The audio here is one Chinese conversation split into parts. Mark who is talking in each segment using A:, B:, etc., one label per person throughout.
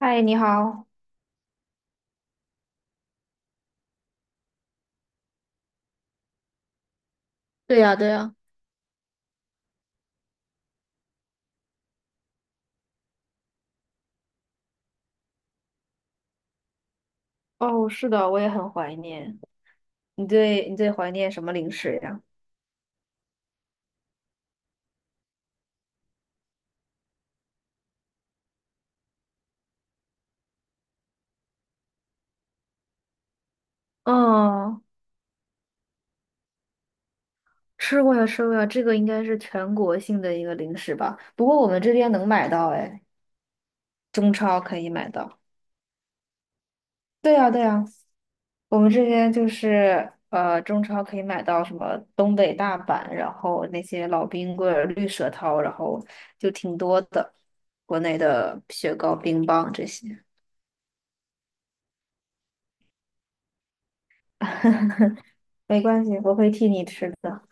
A: 嗨，你好。对呀，对呀，哦，是的，我也很怀念。你最怀念什么零食呀？嗯，吃过呀，吃过呀，这个应该是全国性的一个零食吧？不过我们这边能买到，哎，中超可以买到。对呀，对呀，我们这边就是中超可以买到什么东北大板，然后那些老冰棍儿、绿舌头，然后就挺多的，国内的雪糕、冰棒这些。没关系，我会替你吃的。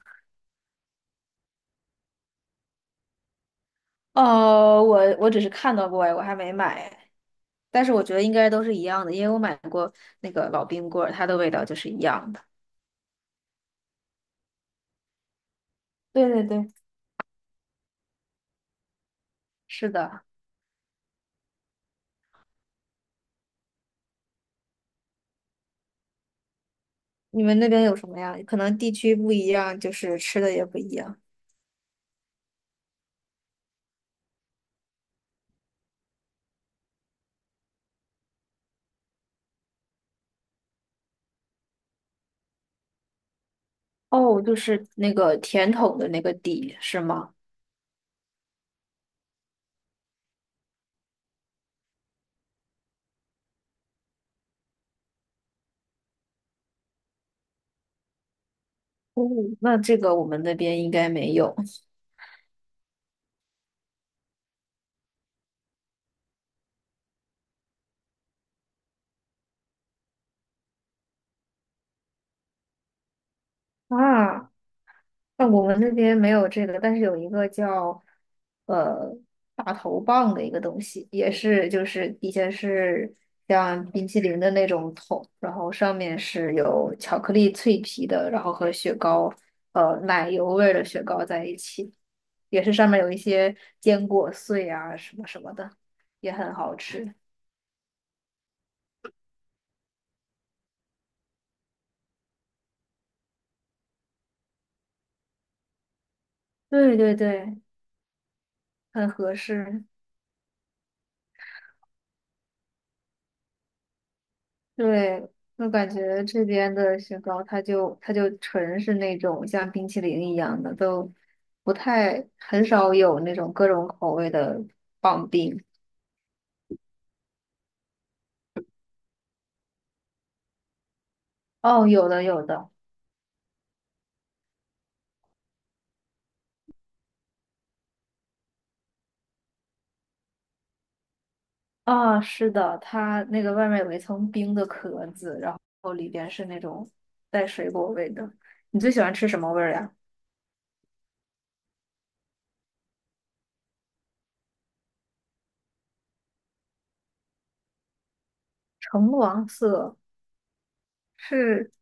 A: 哦，我只是看到过，哎我还没买，但是我觉得应该都是一样的，因为我买过那个老冰棍儿，它的味道就是一样的。对对对，是的。你们那边有什么呀？可能地区不一样，就是吃的也不一样。哦，就是那个甜筒的那个底，是吗？哦，那这个我们那边应该没有。啊，那我们那边没有这个，但是有一个叫呃大头棒的一个东西，也是就是底下是像冰淇淋的那种桶，然后上面是有巧克力脆皮的，然后和雪糕奶油味儿的雪糕在一起，也是上面有一些坚果碎啊什么什么的，也很好吃。对对对，很合适。对，我感觉这边的雪糕，它就纯是那种像冰淇淋一样的，都不太很少有那种各种口味的棒冰。哦，有的有的，啊、是的，它那个外面有一层冰的壳子，然后里边是那种带水果味的。你最喜欢吃什么味儿呀？橙黄色是。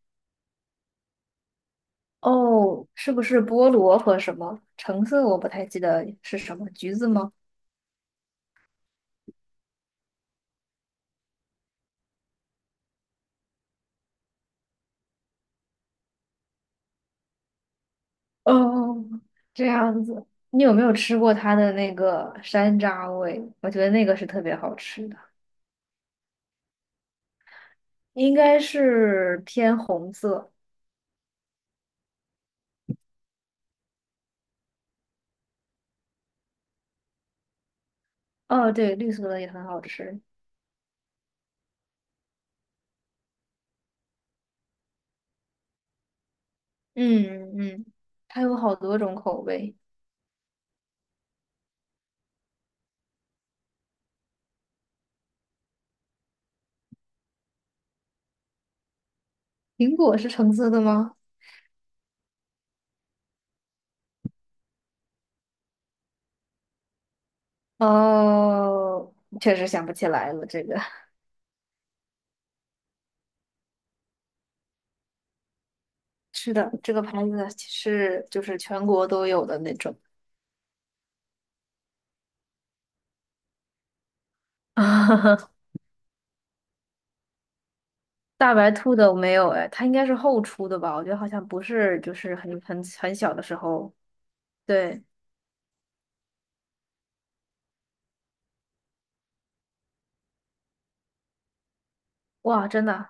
A: 哦，是不是菠萝和什么？橙色我不太记得是什么，橘子吗？哦，这样子，你有没有吃过它的那个山楂味？我觉得那个是特别好吃的，应该是偏红色。哦，对，绿色的也很好吃。嗯嗯，它有好多种口味。苹果是橙色的吗？哦，确实想不起来了。这个是的，这个牌子是就是全国都有的那种。大白兔的我没有哎，它应该是后出的吧？我觉得好像不是，就是很小的时候对，哇，真的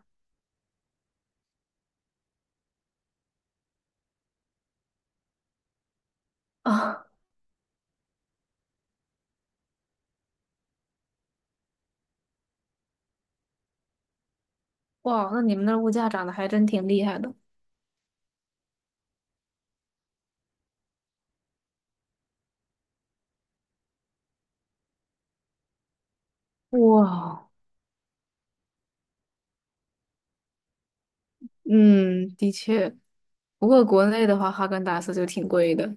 A: 啊，哇，那你们那儿物价涨得还真挺厉害的。哇，嗯，的确，不过国内的话，哈根达斯就挺贵的。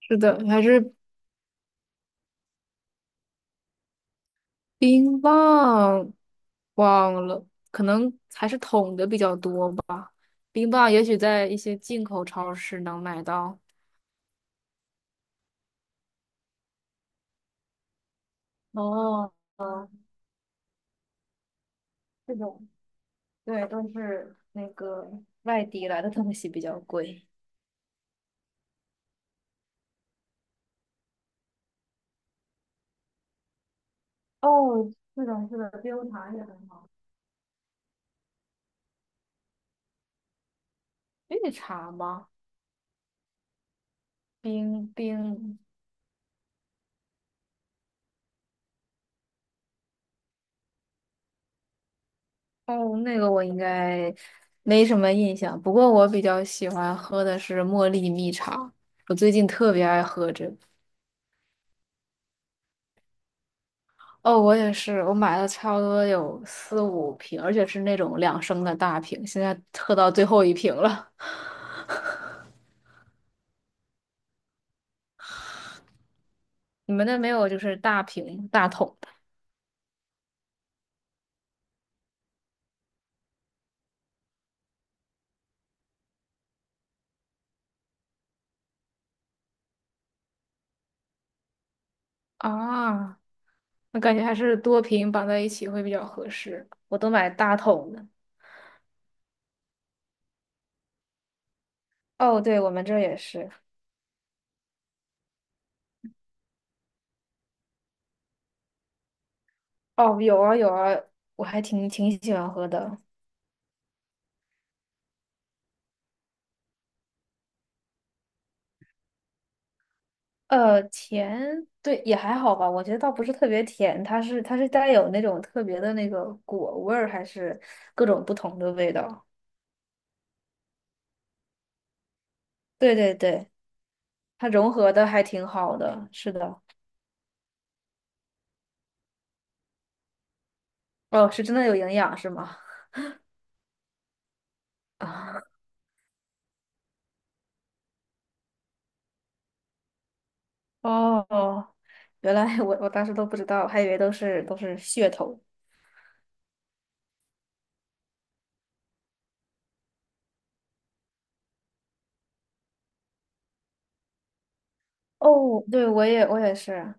A: 是的，还是冰棒，忘了，可能还是桶的比较多吧。冰棒也许在一些进口超市能买到。哦，哦这种，对，都是那个外地来的东西比较贵。哦，是的，是的，冰茶也很好。绿茶吗？冰冰哦，那个我应该没什么印象，不过我比较喜欢喝的是茉莉蜜茶，我最近特别爱喝这个。哦，我也是，我买了差不多有四五瓶，而且是那种2升的大瓶，现在喝到最后一瓶了。你们那没有就是大瓶大桶的啊？我感觉还是多瓶绑在一起会比较合适，我都买大桶的。哦，对，我们这儿也是。哦，有啊有啊，我还挺喜欢喝的。甜，对，也还好吧，我觉得倒不是特别甜，它是带有那种特别的那个果味儿，还是各种不同的味道。对对对，它融合的还挺好的，是的。哦，是真的有营养是吗？啊，哦，原来我当时都不知道，还以为都是噱头。哦，对，我也是，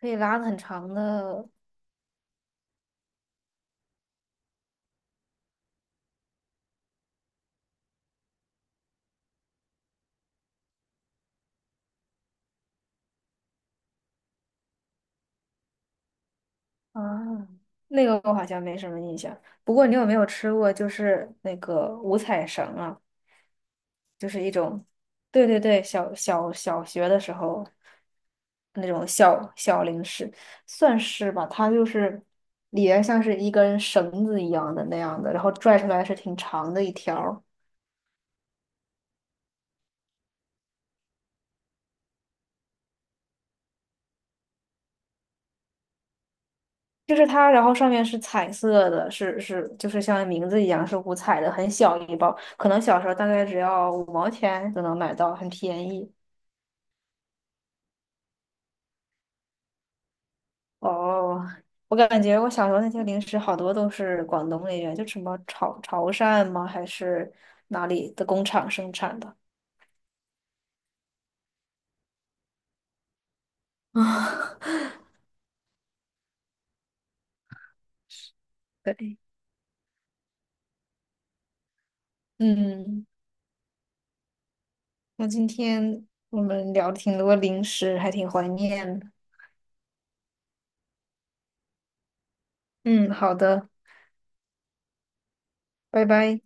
A: 可以拉的很长的啊，那个我好像没什么印象。不过你有没有吃过就是那个五彩绳啊？就是一种，对对对，小学的时候那种小小零食，算是吧，它就是里边像是一根绳子一样的那样的，然后拽出来是挺长的一条儿就是它，然后上面是彩色的，是就是像名字一样是五彩的，很小一包，可能小时候大概只要5毛钱就能买到，很便宜。哦，我感觉我小时候那些零食好多都是广东那边，就什么潮汕吗？还是哪里的工厂生产的？啊，对，嗯，那今天我们聊了挺多零食，还挺怀念的。嗯，好的，拜拜。